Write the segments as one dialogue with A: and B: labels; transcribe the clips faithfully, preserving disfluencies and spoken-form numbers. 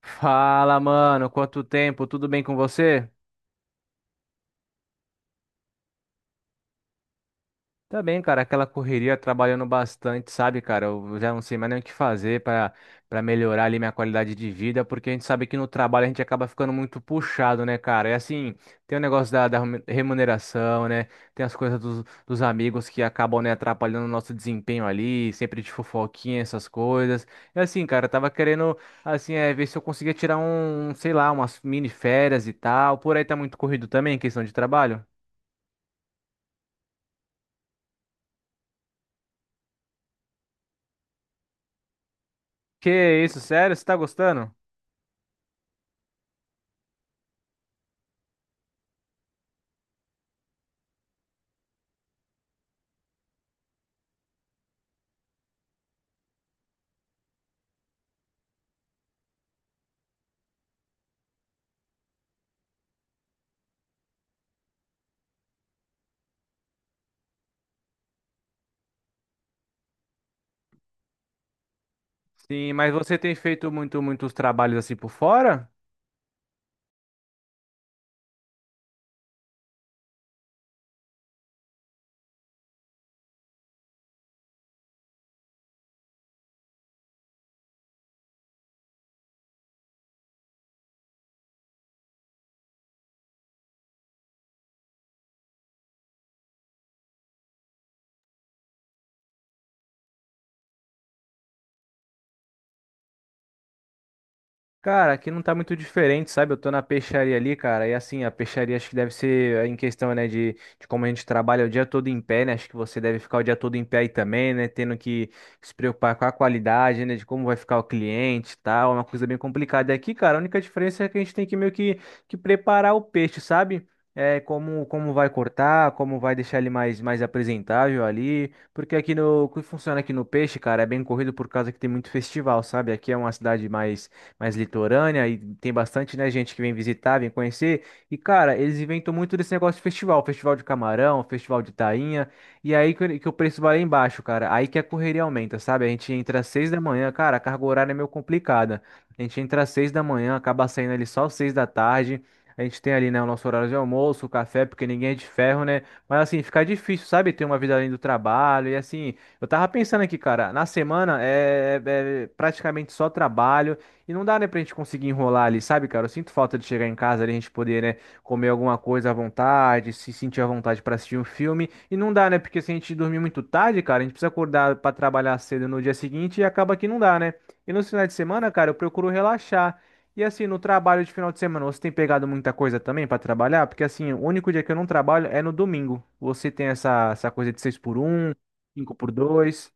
A: Fala, mano, quanto tempo? Tudo bem com você? Tá bem, cara, aquela correria trabalhando bastante, sabe, cara? Eu já não sei mais nem o que fazer para para melhorar ali minha qualidade de vida, porque a gente sabe que no trabalho a gente acaba ficando muito puxado, né, cara? É assim, tem o negócio da, da remuneração, né? Tem as coisas dos, dos amigos que acabam, né, atrapalhando o nosso desempenho ali, sempre de fofoquinha, essas coisas. É assim, cara, eu tava querendo, assim, é, ver se eu conseguia tirar um, um, sei lá, umas mini férias e tal. Por aí tá muito corrido também, questão de trabalho. Que isso, sério? Você tá gostando? Sim, mas você tem feito muito, muitos trabalhos assim por fora? Cara, aqui não tá muito diferente, sabe? Eu tô na peixaria ali, cara, e assim, a peixaria acho que deve ser em questão, né, de, de como a gente trabalha o dia todo em pé, né? Acho que você deve ficar o dia todo em pé aí também, né? Tendo que se preocupar com a qualidade, né? De como vai ficar o cliente e tal, é uma coisa bem complicada. E aqui, cara, a única diferença é que a gente tem que meio que, que preparar o peixe, sabe? É, como, como vai cortar, como vai deixar ele mais, mais apresentável ali. Porque aqui no, o que funciona aqui no peixe, cara, é bem corrido por causa que tem muito festival, sabe? Aqui é uma cidade mais mais litorânea e tem bastante, né, gente que vem visitar, vem conhecer. E, cara, eles inventam muito desse negócio de festival, festival de camarão, festival de tainha. E aí que, que o preço vai lá embaixo, cara. Aí que a correria aumenta, sabe? A gente entra às seis da manhã, cara, a carga horária é meio complicada. A gente entra às seis da manhã, acaba saindo ali só às seis da tarde. A gente tem ali, né, o nosso horário de almoço, o café, porque ninguém é de ferro, né? Mas assim, fica difícil, sabe? Ter uma vida além do trabalho. E assim, eu tava pensando aqui, cara, na semana é, é praticamente só trabalho. E não dá, né, pra gente conseguir enrolar ali, sabe, cara? Eu sinto falta de chegar em casa ali, a gente poder, né, comer alguma coisa à vontade, se sentir à vontade pra assistir um filme. E não dá, né? Porque se a gente dormir muito tarde, cara, a gente precisa acordar pra trabalhar cedo no dia seguinte e acaba que não dá, né? E nos finais de semana, cara, eu procuro relaxar. E assim, no trabalho de final de semana, você tem pegado muita coisa também pra trabalhar? Porque assim, o único dia que eu não trabalho é no domingo. Você tem essa, essa coisa de seis por um, cinco por dois.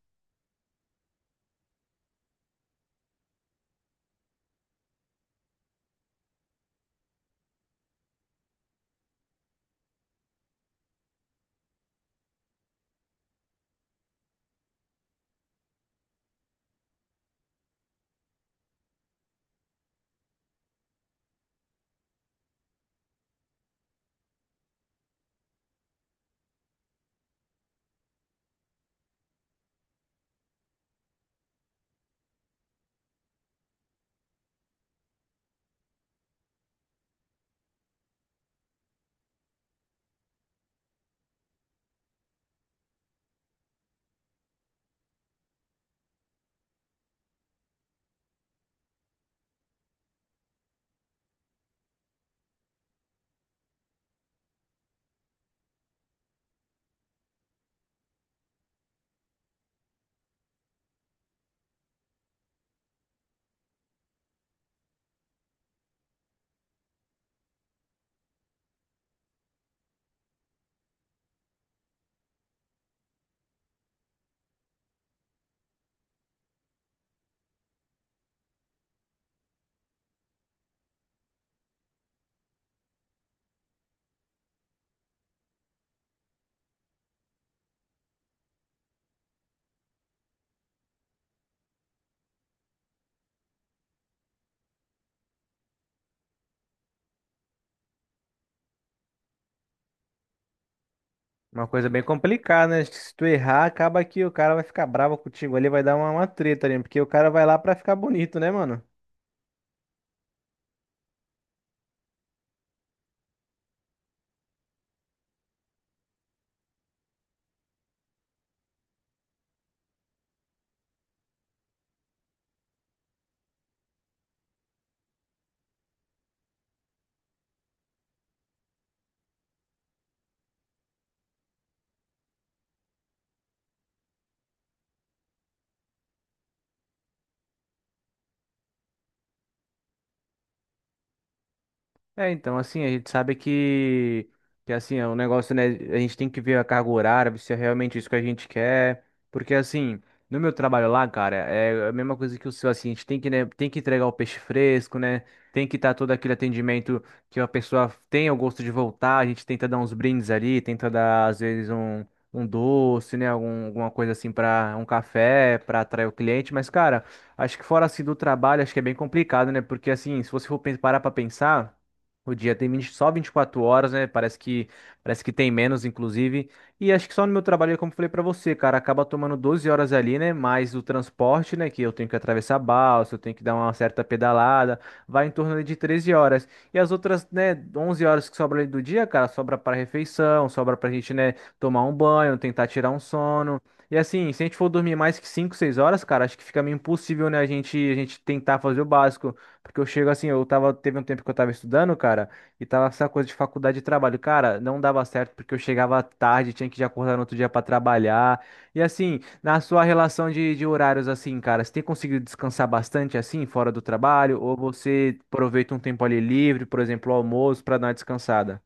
A: Uma coisa bem complicada, né? Acho que se tu errar, acaba que o cara vai ficar bravo contigo ali, vai dar uma, uma treta ali, porque o cara vai lá pra ficar bonito, né, mano? É, então, assim, a gente sabe que, que assim, é um negócio, né? A gente tem que ver a carga horária, ver se é realmente isso que a gente quer. Porque, assim, no meu trabalho lá, cara, é a mesma coisa que o seu, assim, a gente tem que, né, tem que entregar o peixe fresco, né? Tem que estar todo aquele atendimento que a pessoa tenha o gosto de voltar. A gente tenta dar uns brindes ali, tenta dar, às vezes, um, um doce, né? Algum, alguma coisa assim para um café, para atrair o cliente. Mas, cara, acho que fora assim do trabalho, acho que é bem complicado, né? Porque, assim, se você for pen- parar pra pensar. O dia tem vinte só vinte e quatro horas, né? Parece que parece que tem menos, inclusive. E acho que só no meu trabalho, como eu falei pra você, cara, acaba tomando doze horas ali, né? Mais o transporte, né? Que eu tenho que atravessar a balsa, eu tenho que dar uma certa pedalada, vai em torno ali de treze horas. E as outras, né, onze horas que sobra ali do dia, cara, sobra pra refeição, sobra pra gente, né, tomar um banho, tentar tirar um sono. E assim, se a gente for dormir mais que cinco, seis horas, cara, acho que fica meio impossível, né, a gente, a gente tentar fazer o básico. Porque eu chego assim, eu tava, teve um tempo que eu tava estudando, cara, e tava essa coisa de faculdade e trabalho. Cara, não dava certo porque eu chegava tarde, tinha que já acordar no outro dia pra trabalhar. E assim, na sua relação de, de horários, assim, cara, você tem conseguido descansar bastante assim, fora do trabalho? Ou você aproveita um tempo ali livre, por exemplo, o almoço, pra dar uma descansada?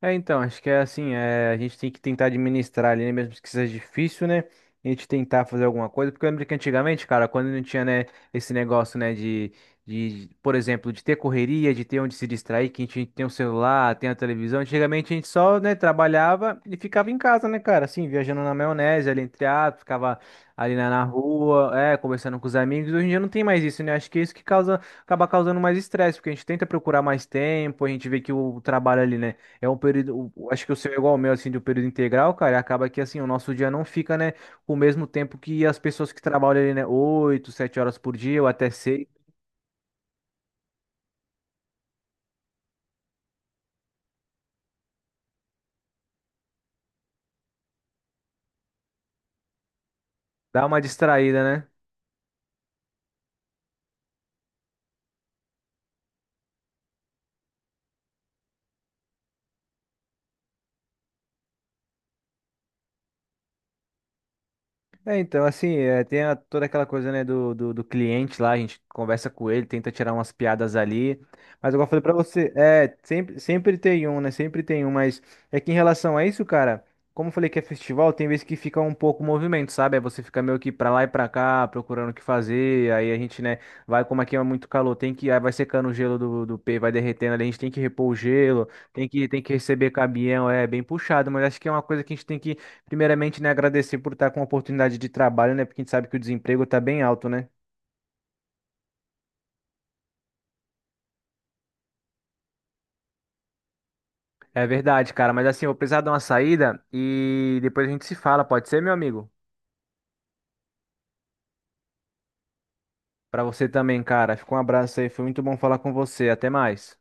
A: É, então, acho que é assim, é, a gente tem que tentar administrar ali, né, mesmo que seja difícil, né? A gente tentar fazer alguma coisa, porque eu lembro que antigamente, cara, quando não tinha, né, esse negócio, né, de, de, por exemplo, de ter correria, de ter onde se distrair, que a gente tem o celular, tem a televisão, antigamente a gente só, né, trabalhava e ficava em casa, né, cara, assim, viajando na maionese, ali entre atos, ficava ali na, na rua, é, conversando com os amigos, hoje em dia não tem mais isso, né, acho que é isso que causa, acaba causando mais estresse, porque a gente tenta procurar mais tempo, a gente vê que o trabalho ali, né, é um período, o- acho que o seu é igual ao meu, assim, de um período integral, cara, e acaba que, assim, o nosso dia não fica, né, com o mesmo tempo que as pessoas que trabalham ali, né, oito, sete horas por dia, ou até seis, dá uma distraída, né? É, então, assim, é, tem a- toda aquela coisa, né, do, do, do cliente lá, a gente conversa com ele, tenta tirar umas piadas ali, mas igual eu falei pra você, é, sempre, sempre tem um, né, sempre tem um, mas é que em relação a isso, cara, como eu falei que é festival, tem vezes que fica um pouco movimento, sabe? Aí você fica meio que pra lá e pra cá, procurando o que fazer, aí a gente, né, vai, como aqui é muito calor, tem que, aí vai secando o gelo do, do pé, vai derretendo ali, a gente tem que repor o gelo, tem que, tem que receber caminhão, é bem puxado, mas acho que é uma coisa que a gente tem que. Primeiramente, né, agradecer por estar com a oportunidade de trabalho, né? Porque a gente sabe que o desemprego tá bem alto, né? É verdade, cara, mas assim, eu vou precisar dar uma saída e depois a gente se fala, pode ser, meu amigo? Pra você também, cara. Fica um abraço aí, foi muito bom falar com você. Até mais.